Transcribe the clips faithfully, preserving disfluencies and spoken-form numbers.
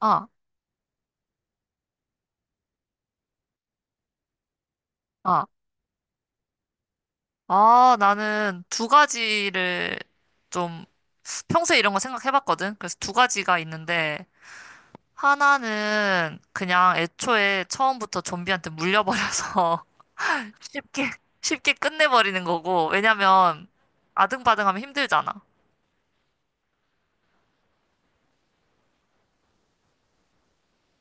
아, 아, 아, 나는 두 가지를 좀 평소에 이런 거 생각해봤거든. 그래서 두 가지가 있는데 하나는 그냥 애초에 처음부터 좀비한테 물려버려서 쉽게 쉽게 끝내버리는 거고 왜냐면 아등바등하면 힘들잖아.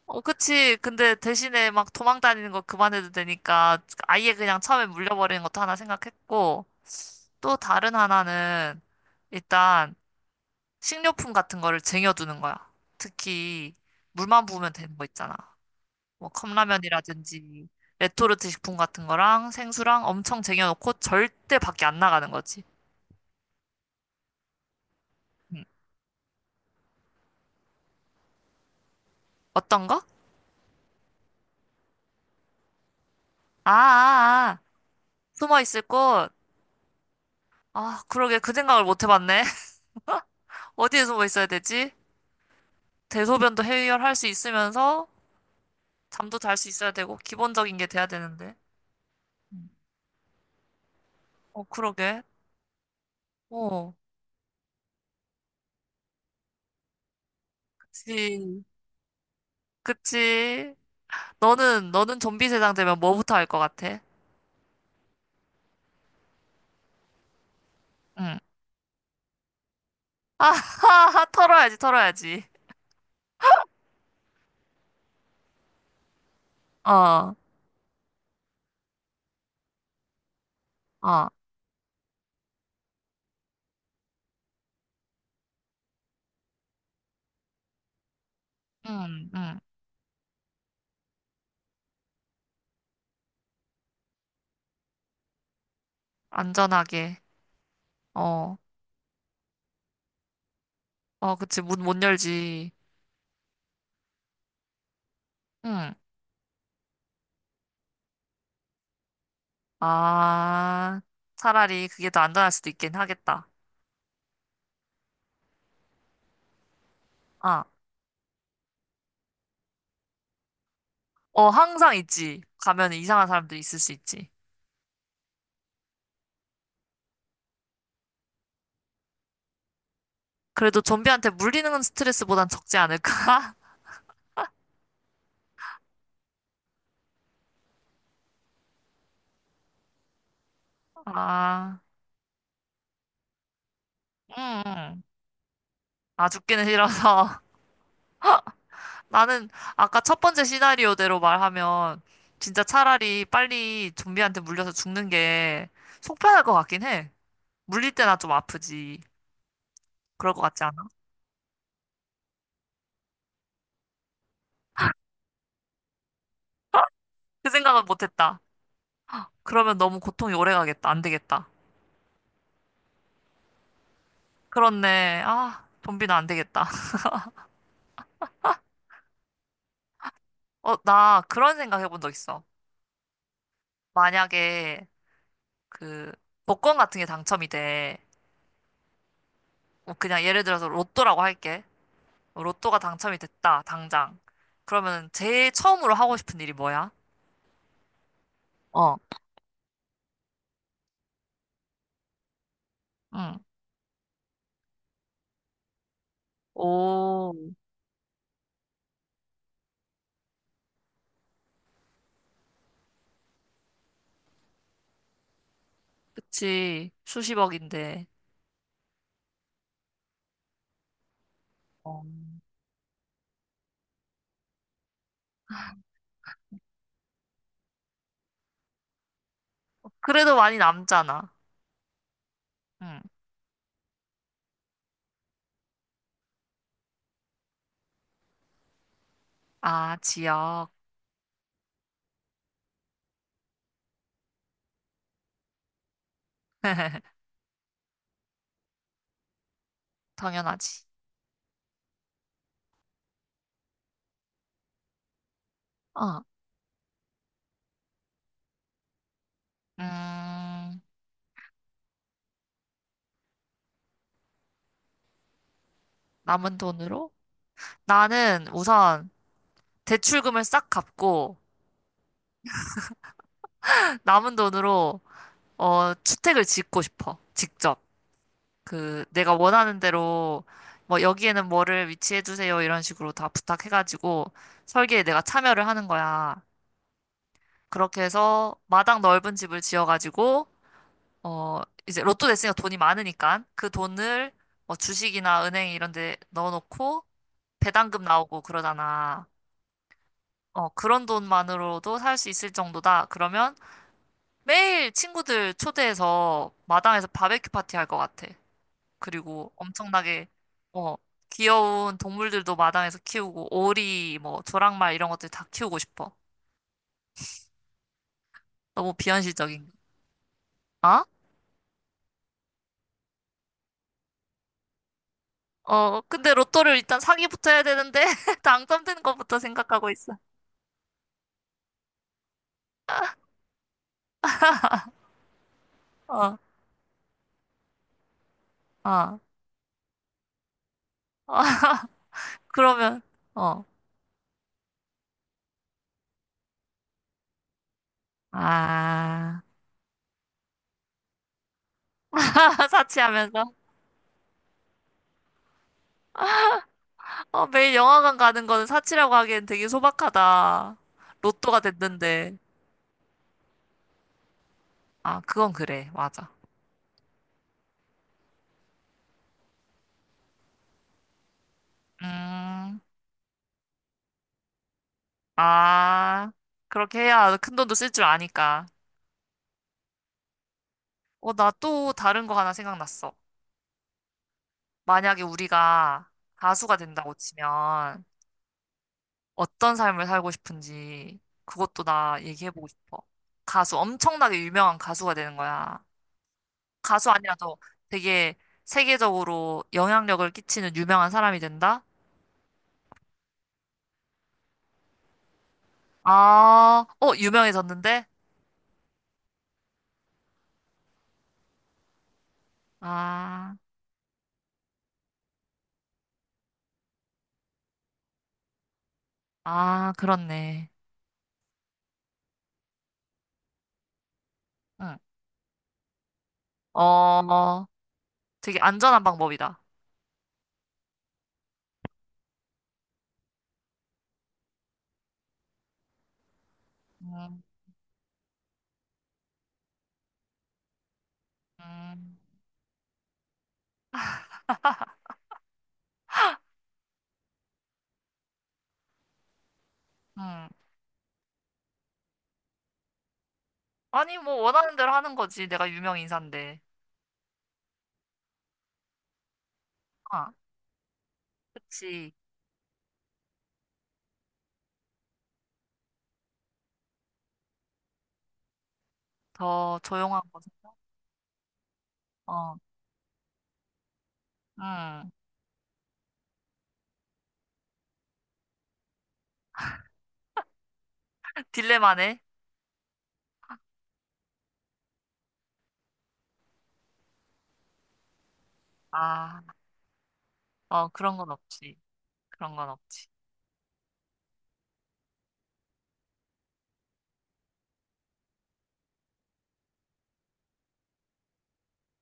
어, 그치. 근데 대신에 막 도망 다니는 거 그만해도 되니까 아예 그냥 처음에 물려버리는 것도 하나 생각했고 또 다른 하나는 일단 식료품 같은 거를 쟁여두는 거야. 특히 물만 부으면 되는 거 있잖아. 뭐 컵라면이라든지 레토르트 식품 같은 거랑 생수랑 엄청 쟁여놓고 절대 밖에 안 나가는 거지. 음. 어떤 거? 아, 아, 아. 숨어 있을 곳. 아, 그러게 그 생각을 못 해봤네. 어디에 숨어 있어야 되지? 대소변도 해결할 수 있으면서 잠도 잘 수 있어야 되고 기본적인 게 돼야 되는데. 음. 어, 그러게. 어, 그치. 그치. 너는, 너는 좀비 세상 되면 뭐부터 할 것 같아? 응. 아하하, 털어야지, 털어야지. 어, 어, 응, 응. 안전하게. 어, 어, 그치, 문 못 열지. 응. 아, 차라리 그게 더 안전할 수도 있긴 하겠다. 아, 어, 항상 있지. 가면 이상한 사람들 있을 수 있지. 그래도 좀비한테 물리는 건 스트레스보단 적지 않을까? 아, 응, 응. 아, 죽기는 싫어서. 나는 아까 첫 번째 시나리오대로 말하면 진짜 차라리 빨리 좀비한테 물려서 죽는 게 속편할 것 같긴 해. 물릴 때나 좀 아프지. 그럴 것 같지 않아? 그 생각은 못 했다. 그러면 너무 고통이 오래 가겠다. 안 되겠다. 그렇네. 아, 좀비는 안 되겠다. 어, 나 그런 생각 해본 적 있어. 만약에 그 복권 같은 게 당첨이 돼. 뭐 그냥 예를 들어서 로또라고 할게. 로또가 당첨이 됐다. 당장. 그러면 제일 처음으로 하고 싶은 일이 뭐야? 어 응. 오, 그치. 수십억인데. 어. 그래도 많이 남잖아. 응. 아, 지역. 당연하지. 어. 음, 남은 돈으로? 나는 우선 대출금을 싹 갚고 남은 돈으로 어, 주택을 짓고 싶어. 직접. 그 내가 원하는 대로 뭐 여기에는 뭐를 위치해 주세요 이런 식으로 다 부탁해가지고 설계에 내가 참여를 하는 거야. 그렇게 해서 마당 넓은 집을 지어가지고 어 이제 로또 됐으니까 돈이 많으니까 그 돈을 뭐 주식이나 은행 이런 데 넣어놓고 배당금 나오고 그러잖아. 어 그런 돈만으로도 살 수 있을 정도다. 그러면 매일 친구들 초대해서 마당에서 바베큐 파티 할 것 같아. 그리고 엄청나게 어 귀여운 동물들도 마당에서 키우고 오리 뭐 조랑말 이런 것들 다 키우고 싶어. 너무 비현실적인. 어? 어, 근데 로또를 일단 사기부터 해야 되는데, 당첨되는 것부터 생각하고 있어. 어, 어, 어, 그러면, 어, 아, 사치하면서. 어, 매일 영화관 가는 거는 사치라고 하기엔 되게 소박하다. 로또가 됐는데. 아, 그건 그래. 맞아. 음, 아, 그렇게 해야 큰 돈도 쓸 줄 아니까. 어, 나 또 다른 거 하나 생각났어. 만약에 우리가 가수가 된다고 치면, 어떤 삶을 살고 싶은지 그것도 나 얘기해보고 싶어. 가수, 엄청나게 유명한 가수가 되는 거야. 가수 아니라도 되게 세계적으로 영향력을 끼치는 유명한 사람이 된다? 아, 어, 유명해졌는데? 아, 아, 그렇네. 응. 어, 되게 안전한 방법이다. 음, 음, 음. 아니, 뭐, 원하는 대로 하는 거지. 내가 유명 인사인데. 아, 그치. 더 조용한 곳에서. 어, 음. 딜레마네. 아, 어, 그런 건 없지. 그런 건 없지.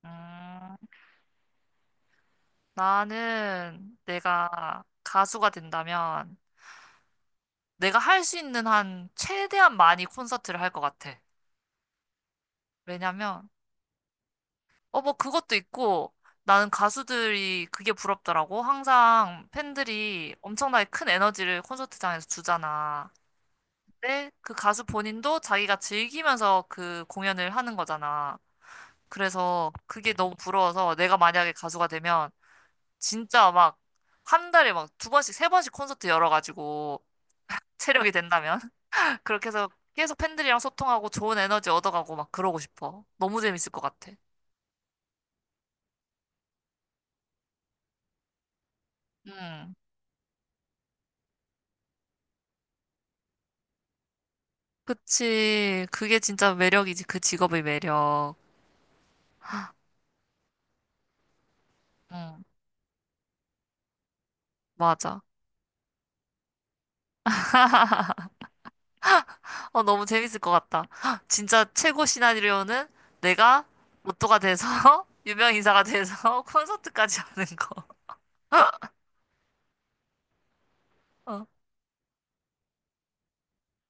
음, 나는 내가 가수가 된다면 내가 할 수 있는 한 최대한 많이 콘서트를 할 것 같아. 왜냐면, 어, 뭐 그것도 있고 나는 가수들이 그게 부럽더라고. 항상 팬들이 엄청나게 큰 에너지를 콘서트장에서 주잖아. 근데 그 가수 본인도 자기가 즐기면서 그 공연을 하는 거잖아. 그래서 그게 너무 부러워서 내가 만약에 가수가 되면 진짜 막 한 달에 막 두 번씩, 세 번씩 콘서트 열어가지고 체력이 된다면 그렇게 해서 계속 팬들이랑 소통하고 좋은 에너지 얻어가고 막 그러고 싶어. 너무 재밌을 것 같아. 음. 그치. 그게 진짜 매력이지. 그 직업의 매력. 음. 맞아. 어, 너무 재밌을 것 같다. 헉, 진짜 최고 시나리오는 내가 로또가 돼서 유명 인사가 돼서 콘서트까지 하는 거. 어.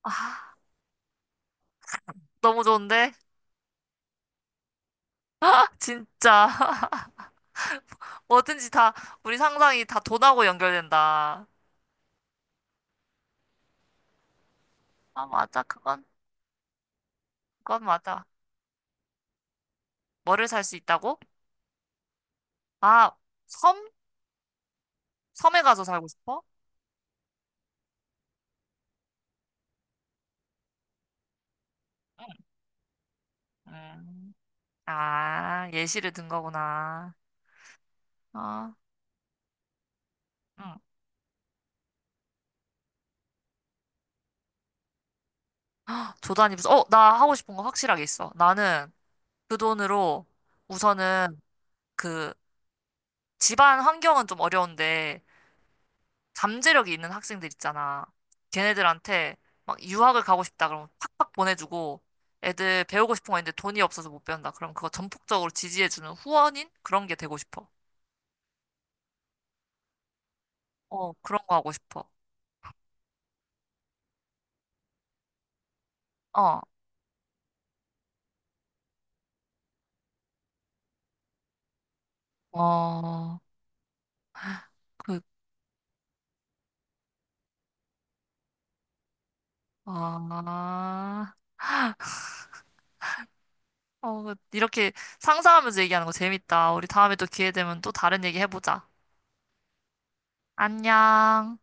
아, 너무 좋은데? 진짜. 뭐든지 다 우리 상상이 다 돈하고 연결된다. 아, 맞아. 그건 그건 맞아. 뭐를 살 수 있다고? 아, 섬? 섬에 가서 살고 싶어? 음. 아, 예시를 든 거구나. 아, 응. 조단이 무슨 어, 나 하고 싶은 거 확실하게 있어. 나는 그 돈으로 우선은 그 집안 환경은 좀 어려운데 잠재력이 있는 학생들 있잖아. 걔네들한테 막 유학을 가고 싶다 그러면 팍팍 보내주고 애들 배우고 싶은 거 있는데 돈이 없어서 못 배운다. 그럼 그거 전폭적으로 지지해주는 후원인? 그런 게 되고 싶어. 어, 그런 거 하고 싶어. 어, 어, 그, 아, 어, 그- 이렇게 상상하면서 얘기하는 거 재밌다. 우리 다음에 또 기회 되면 또 다른 얘기 해보자. 안녕.